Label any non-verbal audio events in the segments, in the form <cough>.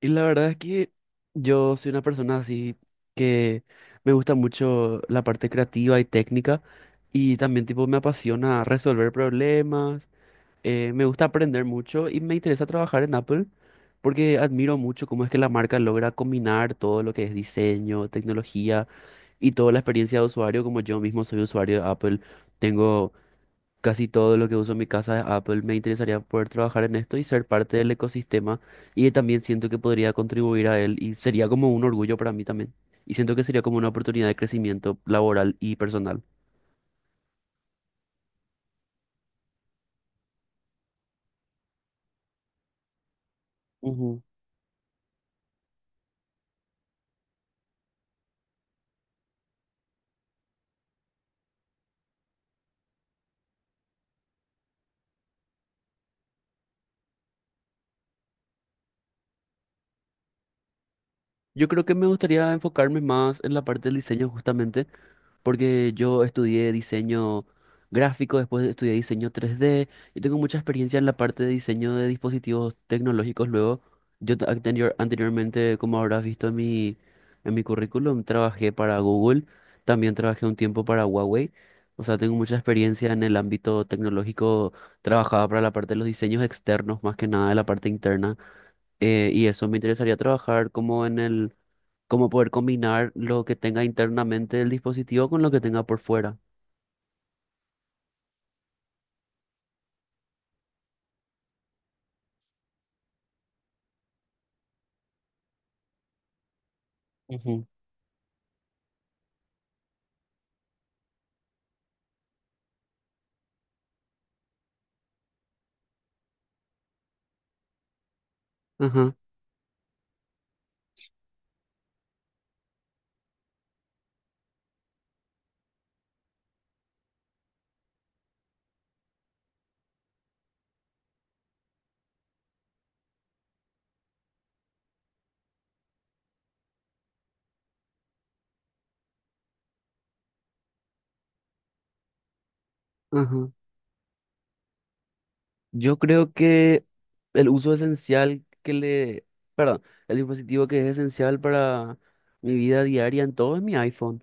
Y la verdad es que yo soy una persona así que me gusta mucho la parte creativa y técnica y también tipo me apasiona resolver problemas, me gusta aprender mucho y me interesa trabajar en Apple porque admiro mucho cómo es que la marca logra combinar todo lo que es diseño, tecnología y toda la experiencia de usuario, como yo mismo soy usuario de Apple, tengo casi todo lo que uso en mi casa de Apple. Me interesaría poder trabajar en esto y ser parte del ecosistema y también siento que podría contribuir a él y sería como un orgullo para mí también. Y siento que sería como una oportunidad de crecimiento laboral y personal. Ujú. Yo creo que me gustaría enfocarme más en la parte del diseño justamente porque yo estudié diseño gráfico, después estudié diseño 3D y tengo mucha experiencia en la parte de diseño de dispositivos tecnológicos. Luego, yo anteriormente, como habrás visto en en mi currículum, trabajé para Google, también trabajé un tiempo para Huawei. O sea, tengo mucha experiencia en el ámbito tecnológico, trabajaba para la parte de los diseños externos, más que nada de la parte interna. Y eso me interesaría trabajar como en el cómo poder combinar lo que tenga internamente el dispositivo con lo que tenga por fuera. Ujú. Ajá, ajá. Yo creo que el uso esencial que le, perdón, el dispositivo que es esencial para mi vida diaria en todo es mi iPhone.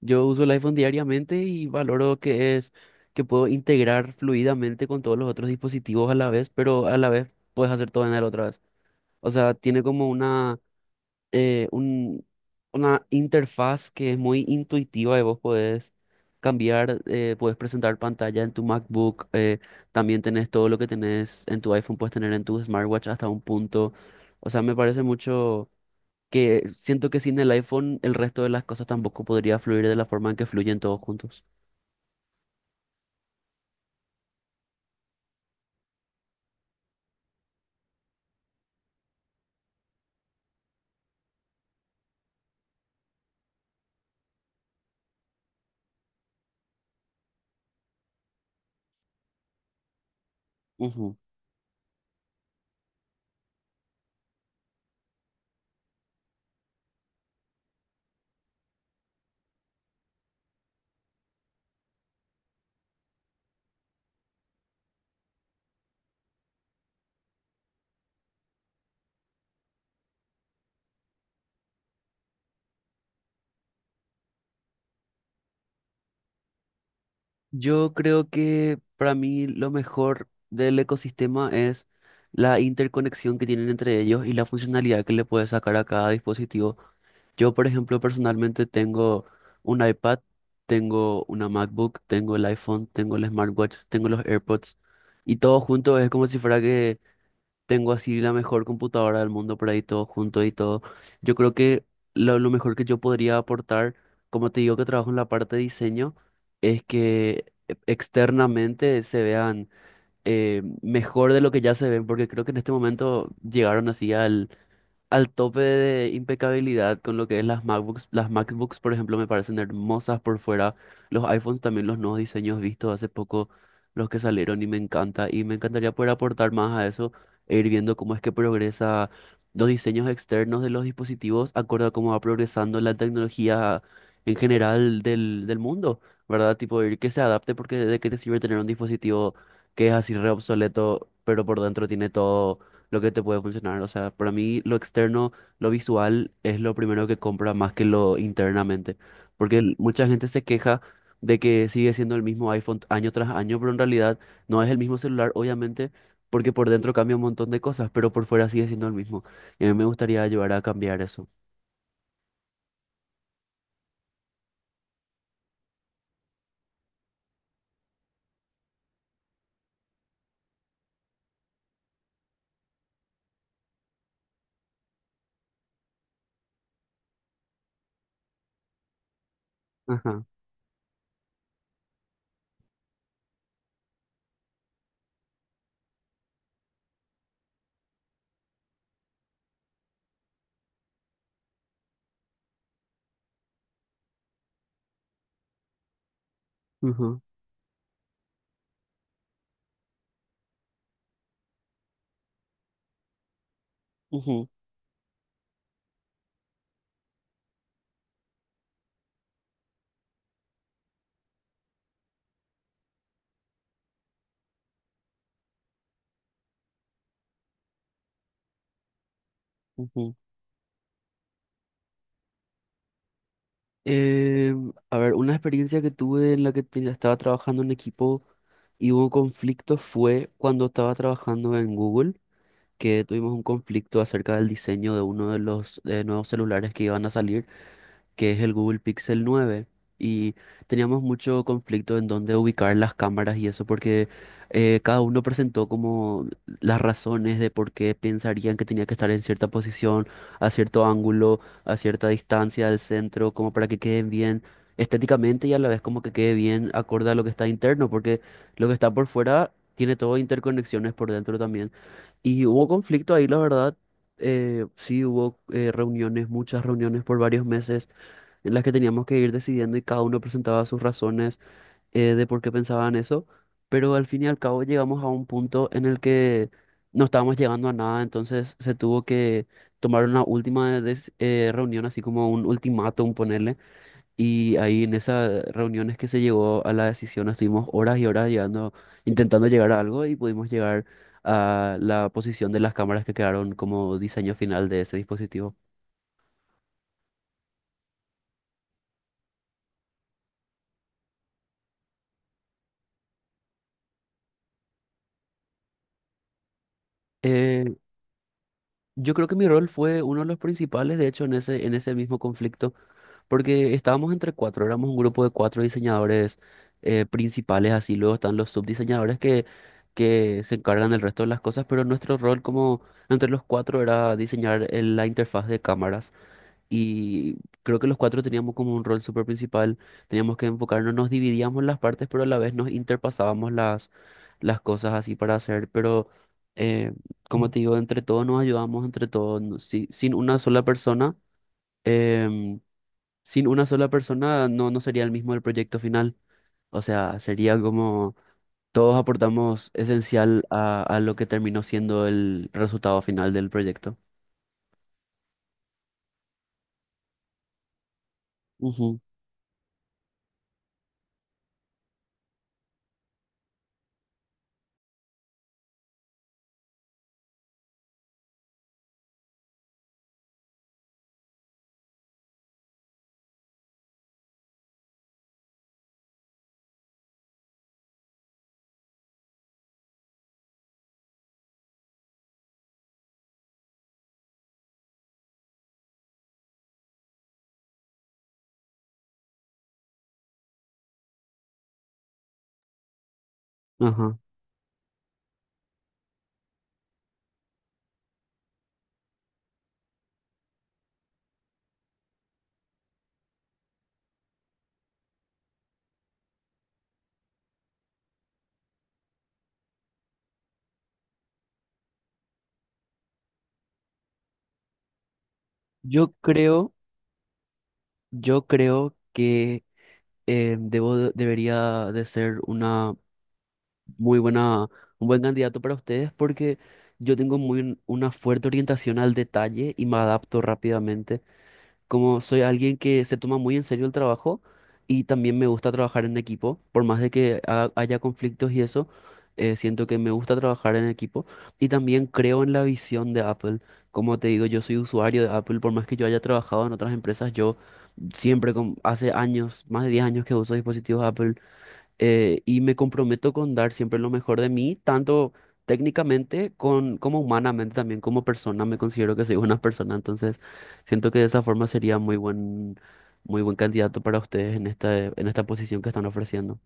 Yo uso el iPhone diariamente y valoro que puedo integrar fluidamente con todos los otros dispositivos a la vez, pero a la vez puedes hacer todo en él otra vez. O sea, tiene como eh, un- una interfaz que es muy intuitiva y vos podés cambiar, podés presentar pantalla en tu MacBook, también tenés todo lo que tenés en tu iPhone, puedes tener en tu smartwatch hasta un punto. O sea, me parece mucho que siento que sin el iPhone el resto de las cosas tampoco podría fluir de la forma en que fluyen todos juntos. Ujú. Yo creo que para mí lo mejor del ecosistema es la interconexión que tienen entre ellos y la funcionalidad que le puedes sacar a cada dispositivo. Yo, por ejemplo, personalmente tengo un iPad, tengo una MacBook, tengo el iPhone, tengo el smartwatch, tengo los AirPods y todo junto es como si fuera que tengo así la mejor computadora del mundo por ahí todo junto y todo. Yo creo que lo mejor que yo podría aportar, como te digo que trabajo en la parte de diseño, es que externamente se vean mejor de lo que ya se ven, porque creo que en este momento llegaron así al tope de impecabilidad con lo que es las MacBooks. Las MacBooks, por ejemplo, me parecen hermosas por fuera. Los iPhones también, los nuevos diseños vistos hace poco, los que salieron, y me encanta. Y me encantaría poder aportar más a eso e ir viendo cómo es que progresa los diseños externos de los dispositivos, acorde a cómo va progresando la tecnología en general del mundo, ¿verdad? Tipo, ir que se adapte porque de qué te sirve tener un dispositivo que es así re obsoleto, pero por dentro tiene todo lo que te puede funcionar. O sea, para mí lo externo, lo visual es lo primero que compra más que lo internamente. Porque mucha gente se queja de que sigue siendo el mismo iPhone año tras año, pero en realidad no es el mismo celular, obviamente, porque por dentro cambia un montón de cosas, pero por fuera sigue siendo el mismo. Y a mí me gustaría ayudar a cambiar eso. Ajá. Ujú, ujú, ujú. Eh, a ver, una experiencia que tuve en la que estaba trabajando en equipo y hubo conflicto fue cuando estaba trabajando en Google, que tuvimos un conflicto acerca del diseño de uno de los nuevos celulares que iban a salir, que es el Google Pixel 9. Y teníamos mucho conflicto en dónde ubicar las cámaras y eso, porque cada uno presentó como las razones de por qué pensarían que tenía que estar en cierta posición, a cierto ángulo, a cierta distancia del centro, como para que queden bien estéticamente y a la vez como que quede bien acorde a lo que está interno, porque lo que está por fuera tiene todo interconexiones por dentro también. Y hubo conflicto ahí, la verdad. Sí, hubo reuniones, muchas reuniones por varios meses en las que teníamos que ir decidiendo y cada uno presentaba sus razones de por qué pensaban eso, pero al fin y al cabo llegamos a un punto en el que no estábamos llegando a nada, entonces se tuvo que tomar una última reunión, así como un ultimátum ponerle, y ahí en esas reuniones que se llegó a la decisión, estuvimos horas y horas llegando, intentando llegar a algo y pudimos llegar a la posición de las cámaras que quedaron como diseño final de ese dispositivo. Eh, Yo creo que mi rol fue uno de los principales, de hecho, en ese mismo conflicto, porque estábamos entre cuatro, éramos un grupo de cuatro diseñadores principales, así luego están los subdiseñadores que se encargan del resto de las cosas, pero nuestro rol como entre los cuatro era diseñar la interfaz de cámaras. Y creo que los cuatro teníamos como un rol súper principal, teníamos que enfocarnos, nos dividíamos las partes, pero a la vez nos interpasábamos las cosas así para hacer, pero eh, como te digo, entre todos nos ayudamos, entre todos, sin una sola persona, em, sin una sola persona no sería el mismo el proyecto final, o sea, sería como todos aportamos esencial a lo que terminó siendo el resultado final del proyecto. Ujú, ajá. Yo creo... Yo creo que debería de ser una muy buena, un buen candidato para ustedes porque yo tengo una fuerte orientación al detalle y me adapto rápidamente, como soy alguien que se toma muy en serio el trabajo y también me gusta trabajar en equipo, por más de que haya conflictos y eso. Siento que me gusta trabajar en equipo y también creo en la visión de Apple. Como te digo, yo soy usuario de Apple, por más que yo haya trabajado en otras empresas, yo siempre, hace años, más de 10 años que uso dispositivos Apple y me comprometo con dar siempre lo mejor de mí, tanto técnicamente como humanamente también como persona. Me considero que soy una <laughs> persona, entonces siento que de esa forma sería muy buen candidato para ustedes en esta posición que están ofreciendo.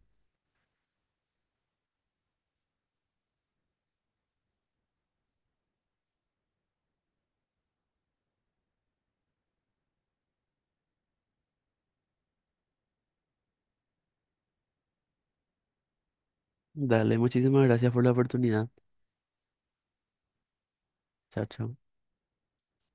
Dale, muchísimas gracias por la oportunidad. Chao, chao.